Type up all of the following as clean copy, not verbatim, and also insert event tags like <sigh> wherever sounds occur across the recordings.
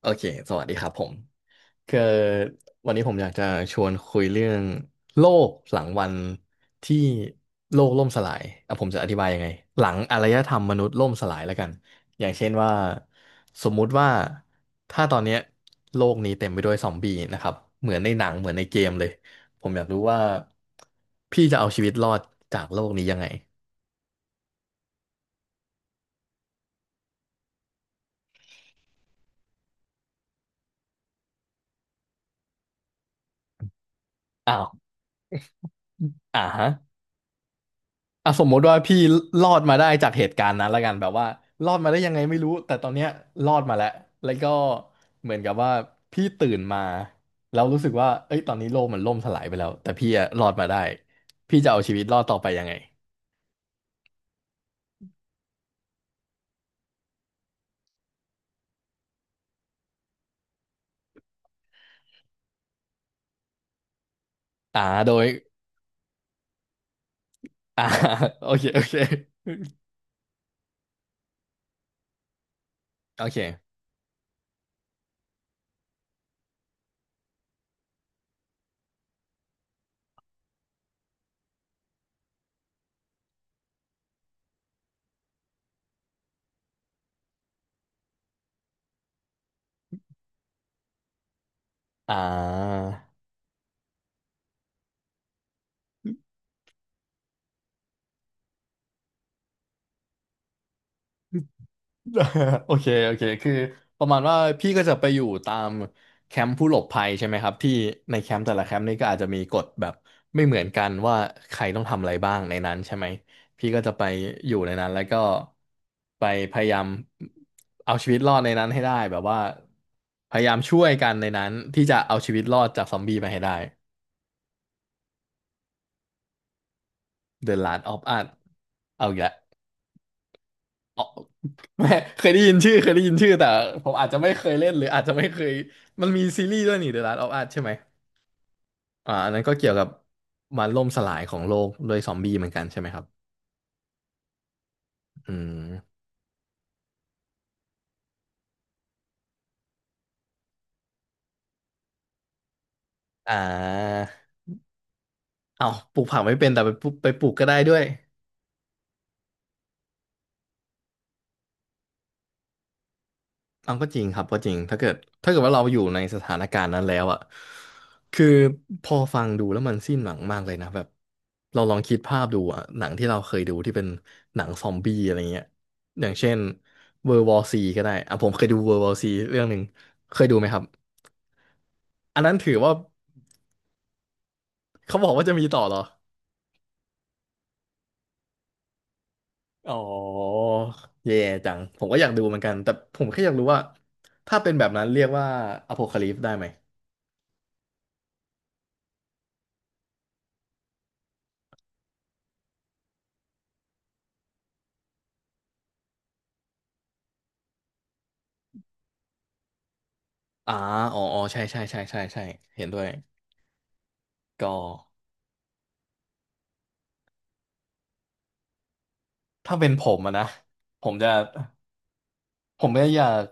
โอเค สวัสดีครับผมคือวันนี้ผมอยากจะชวนคุยเรื่องโลกหลังวันที่โลกล่มสลายผมจะอธิบายยังไงหลังอารยธรรมมนุษย์ล่มสลายแล้วกันอย่างเช่นว่าสมมุติว่าถ้าตอนเนี้ยโลกนี้เต็มไปด้วยซอมบี้นะครับเหมือนในหนังเหมือนในเกมเลย ผมอยากรู้ว่าพี่จะเอาชีวิตรอดจากโลกนี้ยังไงอ้าวอ่าฮะ สมมติว่าพี่รอดมาได้จากเหตุการณ์นั้นและกันแบบว่ารอดมาได้ยังไงไม่รู้แต่ตอนเนี้ยรอดมาแล้วแล้วก็เหมือนกับว่าพี่ตื่นมาแล้วรู้สึกว่าเอ้ยตอนนี้โลกมันล่มสลายไปแล้วแต่พี่อะรอดมาได้พี่จะเอาชีวิตรอดต่อไปยังไงอ่าโดยอ่า <laughs> โอเคโอเคโอเคอ่า <laughs> โอเคโอเคคือประมาณว่าพี่ก็จะไปอยู่ตามแคมป์ผู้หลบภัยใช่ไหมครับที่ในแคมป์แต่ละแคมป์นี่ก็อาจจะมีกฎแบบไม่เหมือนกันว่าใครต้องทำอะไรบ้างในนั้นใช่ไหมพี่ก็จะไปอยู่ในนั้นแล้วก็ไปพยายามเอาชีวิตรอดในนั้นให้ได้แบบว่าพยายามช่วยกันในนั้นที่จะเอาชีวิตรอดจากซอมบี้ไปให้ได้ The Last of Us เอาอีกแล้ว อ๋อ <laughs> ไม่เคยได้ยินชื่อเคยได้ยินชื่อแต่ผมอาจจะไม่เคยเล่นหรืออาจจะไม่เคยมันมีซีรีส์ด้วยนี่ The Last of Us ใช่ไหมอันนั้นก็เกี่ยวกับมันล่มสลายของโลกด้วยซอมบี้เหมือนกันใช่ไหมครับอืมอ่าเอาปลูกผักไม่เป็นแต่ไปปลูกไปปลูกก็ได้ด้วย เอาก็จริงครับก็จริงถ้าเกิดถ้าเกิดว่าเราอยู่ในสถานการณ์นั้นแล้วอ่ะคือพอฟังดูแล้วมันสิ้นหวังมากเลยนะแบบเราลองคิดภาพดูอ่ะหนังที่เราเคยดูที่เป็นหนังซอมบี้อะไรเงี้ยอย่างเช่น World War C ก็ได้อ่ะผมเคยดู World War C เรื่องหนึ่งเคยดูไหมครับอันนั้นถือว่าเขาบอกว่าจะมีต่อเหรออ๋อเย่จังผมก็อยากดูเหมือนกันแต่ผมแค่อยากรู้ว่าถ้าเป็นแบบนั้นเรียกว่าอโพคาลิปได้ไหมอ่าอ๋ออ๋อใช่ใช่ใช่ใช่ใช่เห็นด้วย ก็ถ้าเป็นผมอะนะผมจะผมไม่อยาก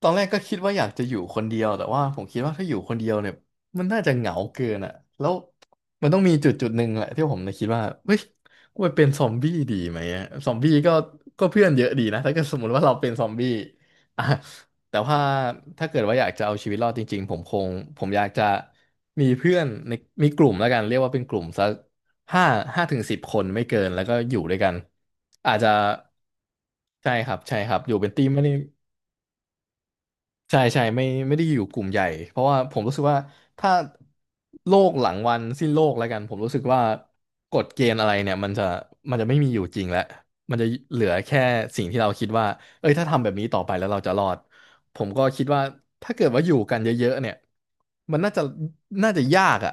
ตอนแรกก็คิดว่าอยากจะอยู่คนเดียวแต่ว่าผมคิดว่าถ้าอยู่คนเดียวเนี่ยมันน่าจะเหงาเกินอ่ะแล้วมันต้องมีจุดหนึ่งแหละที่ผมเลยคิดว่าเฮ้ยกูไปเป็นซอมบี้ดีไหมอะซอมบี้ก็เพื่อนเยอะดีนะถ้าเกิดสมมติว่าเราเป็นซอมบี้อ่ะแต่ว่าถ้าเกิดว่าอยากจะเอาชีวิตรอดจริงๆผมคงผมอยากจะมีเพื่อนในมีกลุ่มแล้วกันเรียกว่าเป็นกลุ่มสักห้าห้าถึงสิบคนไม่เกินแล้วก็อยู่ด้วยกันอาจจะใช่ครับใช่ครับอยู่เป็นทีมไม่ได้ ใช่ใช่ไม่ได้อยู่กลุ่มใหญ่เพราะว่าผมรู้สึกว่าถ้าโลกหลังวันสิ้นโลกแล้วกันผมรู้สึกว่ากฎเกณฑ์อะไรเนี่ยมันจะไม่มีอยู่จริงแล้วมันจะเหลือแค่สิ่งที่เราคิดว่าเอ้ยถ้าทำแบบนี้ต่อไปแล้วเราจะรอดผมก็คิดว่าถ้าเกิดว่าอยู่กันเยอะๆเนี่ยมันน่าจะยากอ่ะ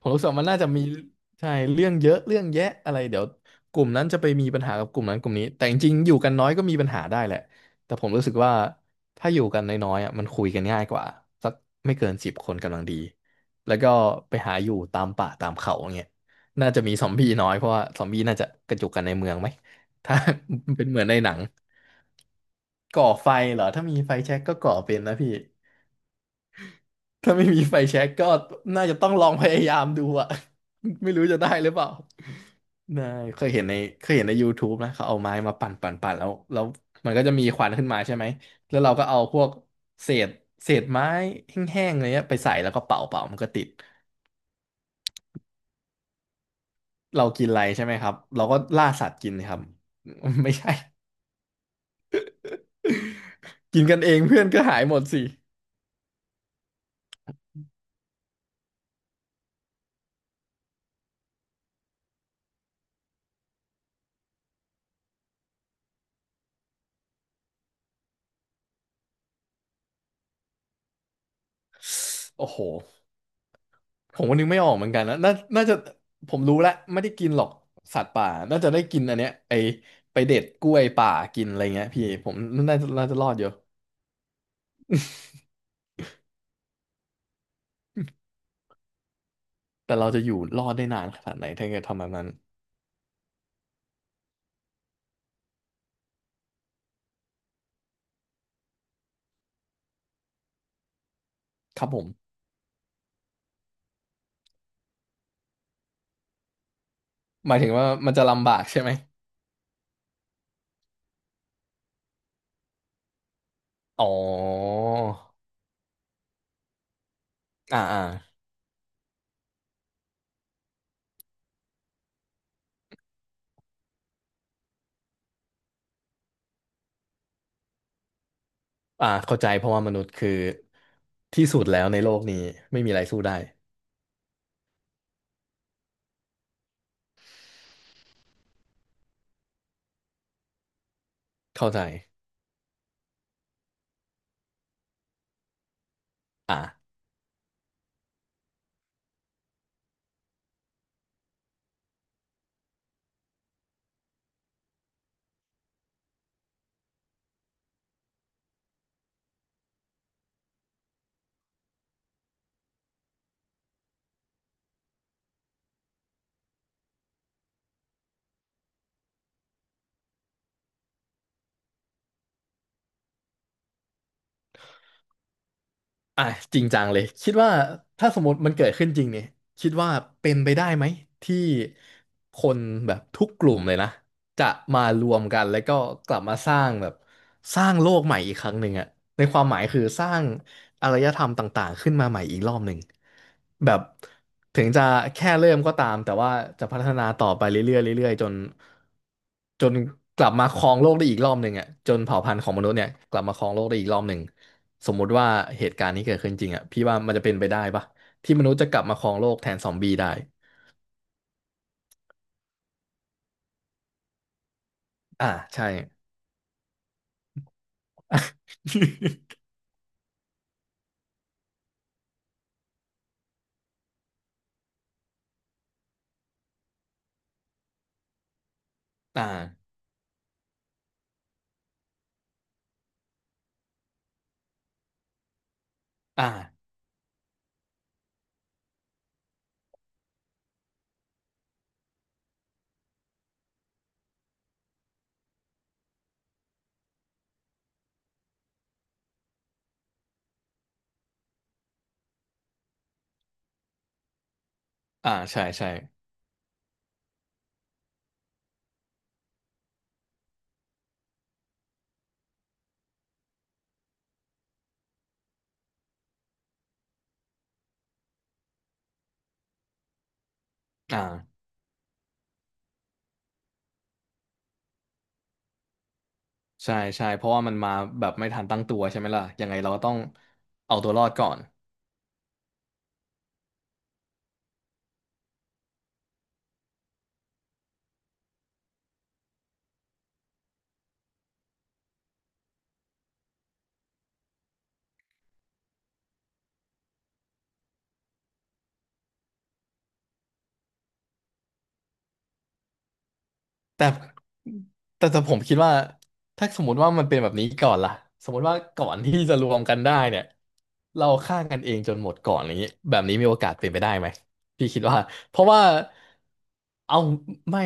ผมรู้สึกว่ามันน่าจะมีใช่เรื่องเยอะเรื่องแยะอะไรเดี๋ยวกลุ่มนั้นจะไปมีปัญหากับกลุ่มนั้นกลุ่มนี้แต่จริงๆอยู่กันน้อยก็มีปัญหาได้แหละแต่ผมรู้สึกว่าถ้าอยู่กันน้อยๆอ่ะมันคุยกันง่ายกว่าสักไม่เกินสิบคนกำลังดีแล้วก็ไปหาอยู่ตามป่าตามเขาอย่างเงี้ยน่าจะมีซอมบี้น้อยเพราะว่าซอมบี้น่าจะกระจุกกันในเมืองไหมถ้า <laughs> เป็นเหมือนในหนังก่อไฟเหรอถ้ามีไฟแช็กก็ก่อเป็นนะพี่ ถ้าไม่มีไฟแช็กก็น่าจะต้องลองพยายามดูอะ <laughs> ไม่รู้จะได้หรือเปล่าได้เคยเห็นในYouTube นะเขาเอาไม้มาปั่นปั่นปั่นแล้วมันก็จะมีควันขึ้นมาใช่ไหมแล้วเราก็เอาพวกเศษไม้แห้งๆอะไรเงี้ยไปใส่แล้วก็เป่าเป่ามันก็ติดเรากินอะไรใช่ไหมครับเราก็ล่าสัตว์กินครับ <laughs> ไม่ใช่ <laughs> กินกันเองเพื่อนก็หายหมดสิโอ้โห ผมก็นึกไม่ออกเหมือนกันนะน่าจะผมรู้แล้วไม่ได้กินหรอกสัตว์ป่าน่าจะได้กินอันเนี้ยไอไปเด็ดกล้วยป่ากินอะไรเงี้ยพี่ผมน่าจะรอดอยู่แต่เราจะอยู่รอดได้นานขนาดไหนถ้าเกิดทำแบบนั้นครับผมหมายถึงว่ามันจะลำบากใช่ไหมอ๋ออ่าอ่าอ่าเข้าใจเพราะว่ามนุษย์คือที่สุดแล้วในโลกนี้ไม่มีอะไรสู้ได้เข้าใจอ่า อ่ะจริงจังเลยคิดว่าถ้าสมมติมันเกิดขึ้นจริงเนี่ยคิดว่าเป็นไปได้ไหมที่คนแบบทุกกลุ่มเลยนะจะมารวมกันแล้วก็กลับมาสร้างแบบสร้างโลกใหม่อีกครั้งหนึ่งอะในความหมายคือสร้าง อารยธรรมต่างๆขึ้นมาใหม่อีกรอบหนึ่งแบบถึงจะแค่เริ่มก็ตามแต่ว่าจะพัฒนาต่อไปเรื่อยๆเรื่อยๆจนกลับมาครองโลกได้อีกรอบหนึ่งอ่ะจนเผ่าพันธุ์ของมนุษย์เนี่ยกลับมาครองโลกได้อีกรอบหนึ่งสมมุติว่าเหตุการณ์นี้เกิดขึ้นจริงอ่ะพี่ว่ามันจะเป็นไปได้ปะที่มนุษย์จะกลับมาครองโลกแทนซอมบี้ได้อ่าใช่ <laughs> อ่าอ่าอ่าใช่ใช่อ่า ใช่ใช่เพราะว่ามันมาแบบไม่ทันตั้งตัวใช่ไหมล่ะยังไงเราก็ต้องเอาตัวรอดก่อน แต่แต่ผมคิดว่าถ้าสมมติว่ามันเป็นแบบนี้ก่อนล่ะสมมติว่าก่อนที่จะรวมกันได้เนี่ยเราฆ่ากันเองจนหมดก่อนอย่างนี้แบบนี้มีโอกาสเป็นไปได้ไหมพี่คิดว่าเพราะว่าเอาไม่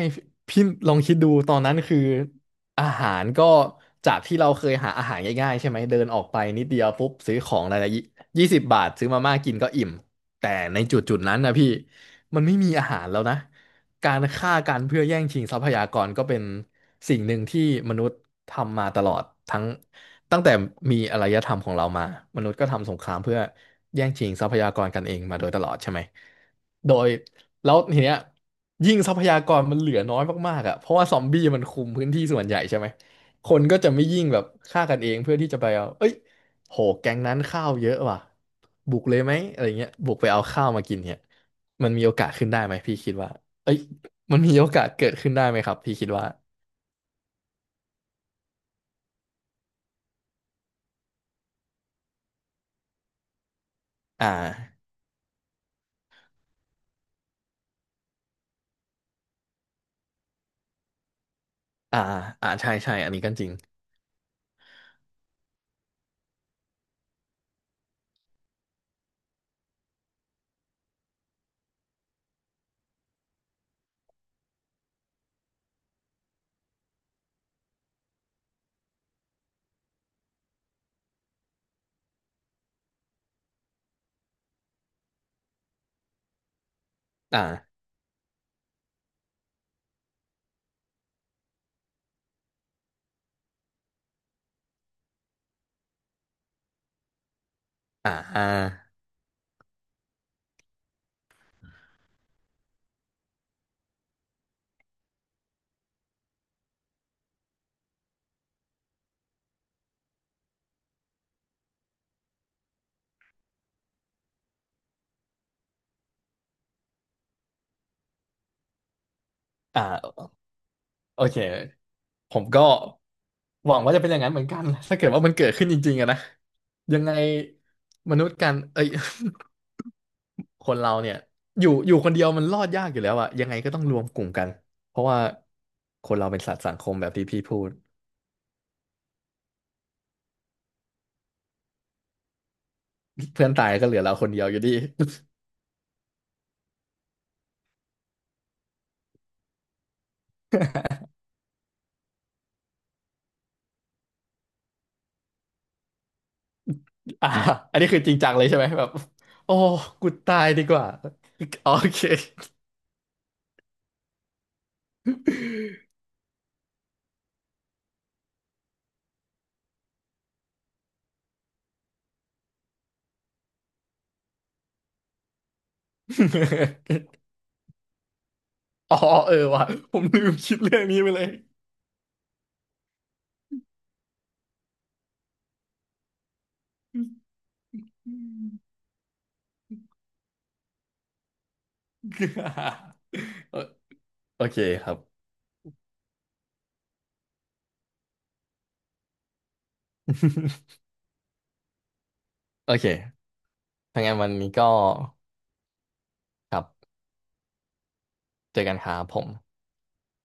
พี่ลองคิดดูตอนนั้นคืออาหารก็จากที่เราเคยหาอาหารง่ายๆใช่ไหมเดินออกไปนิดเดียวปุ๊บซื้อของอะไรละ20 บาทซื้อมาม่ากินก็อิ่มแต่ในจุดนั้นนะพี่มันไม่มีอาหารแล้วนะ การฆ่ากันเพื่อแย่งชิงทรัพยากรก็เป็นสิ่งหนึ่งที่มนุษย์ทำมาตลอดทั้งตั้งแต่มีอารยธรรมของเรามามนุษย์ก็ทำสงครามเพื่อแย่งชิงทรัพยากรกันเองมาโดยตลอดใช่ไหมโดยแล้วทีเนี้ยยิ่งทรัพยากรมันเหลือน้อยมากๆอ่ะเพราะว่าซอมบี้มันคุมพื้นที่ส่วนใหญ่ใช่ไหมคนก็จะไม่ยิ่งแบบฆ่ากันเองเพื่อที่จะไปเอาเอ้ยโหแก๊งนั้นข้าวเยอะว่ะบุกเลยไหมอะไรเงี้ยบุกไปเอาข้าวมากินเนี่ยมันมีโอกาสขึ้นได้ไหมพี่คิดว่า เอ้ยมันมีโอกาสเกิดขึ้นได้ไหมครับพี่คิดว่าอ่าอ่าใช่ใช่อันนี้ก็จริงอ่าอ่าอ่าอ่าโอเคผมก็หวังว่าจะเป็นอย่างนั้นเหมือนกันถ้าเกิดว่ามันเกิดขึ้นจริงๆอะนะยังไงมนุษย์กันเอ้ย <laughs> คนเราเนี่ยอยู่คนเดียวมันรอดยากอยู่แล้วอะยังไงก็ต้องรวมกลุ่มกัน เพราะว่าคนเราเป็นสัตว์สังคมแบบที่พี่พูด เพื่อนตายก็เหลือเราคนเดียวอยู่ดี อ่าอันนี้คือจริงจังเลยใช่ไหมแบบโอ้กูตายดีกว่าโอเค <laughs> อ๋อเออว่ะผมลืมคิดเรื่องนี้ไปเลย <laughs> โอโอเคครับ <laughs> โอเคถ้างั้นวันนี้ก็ครับเจอกันครับผม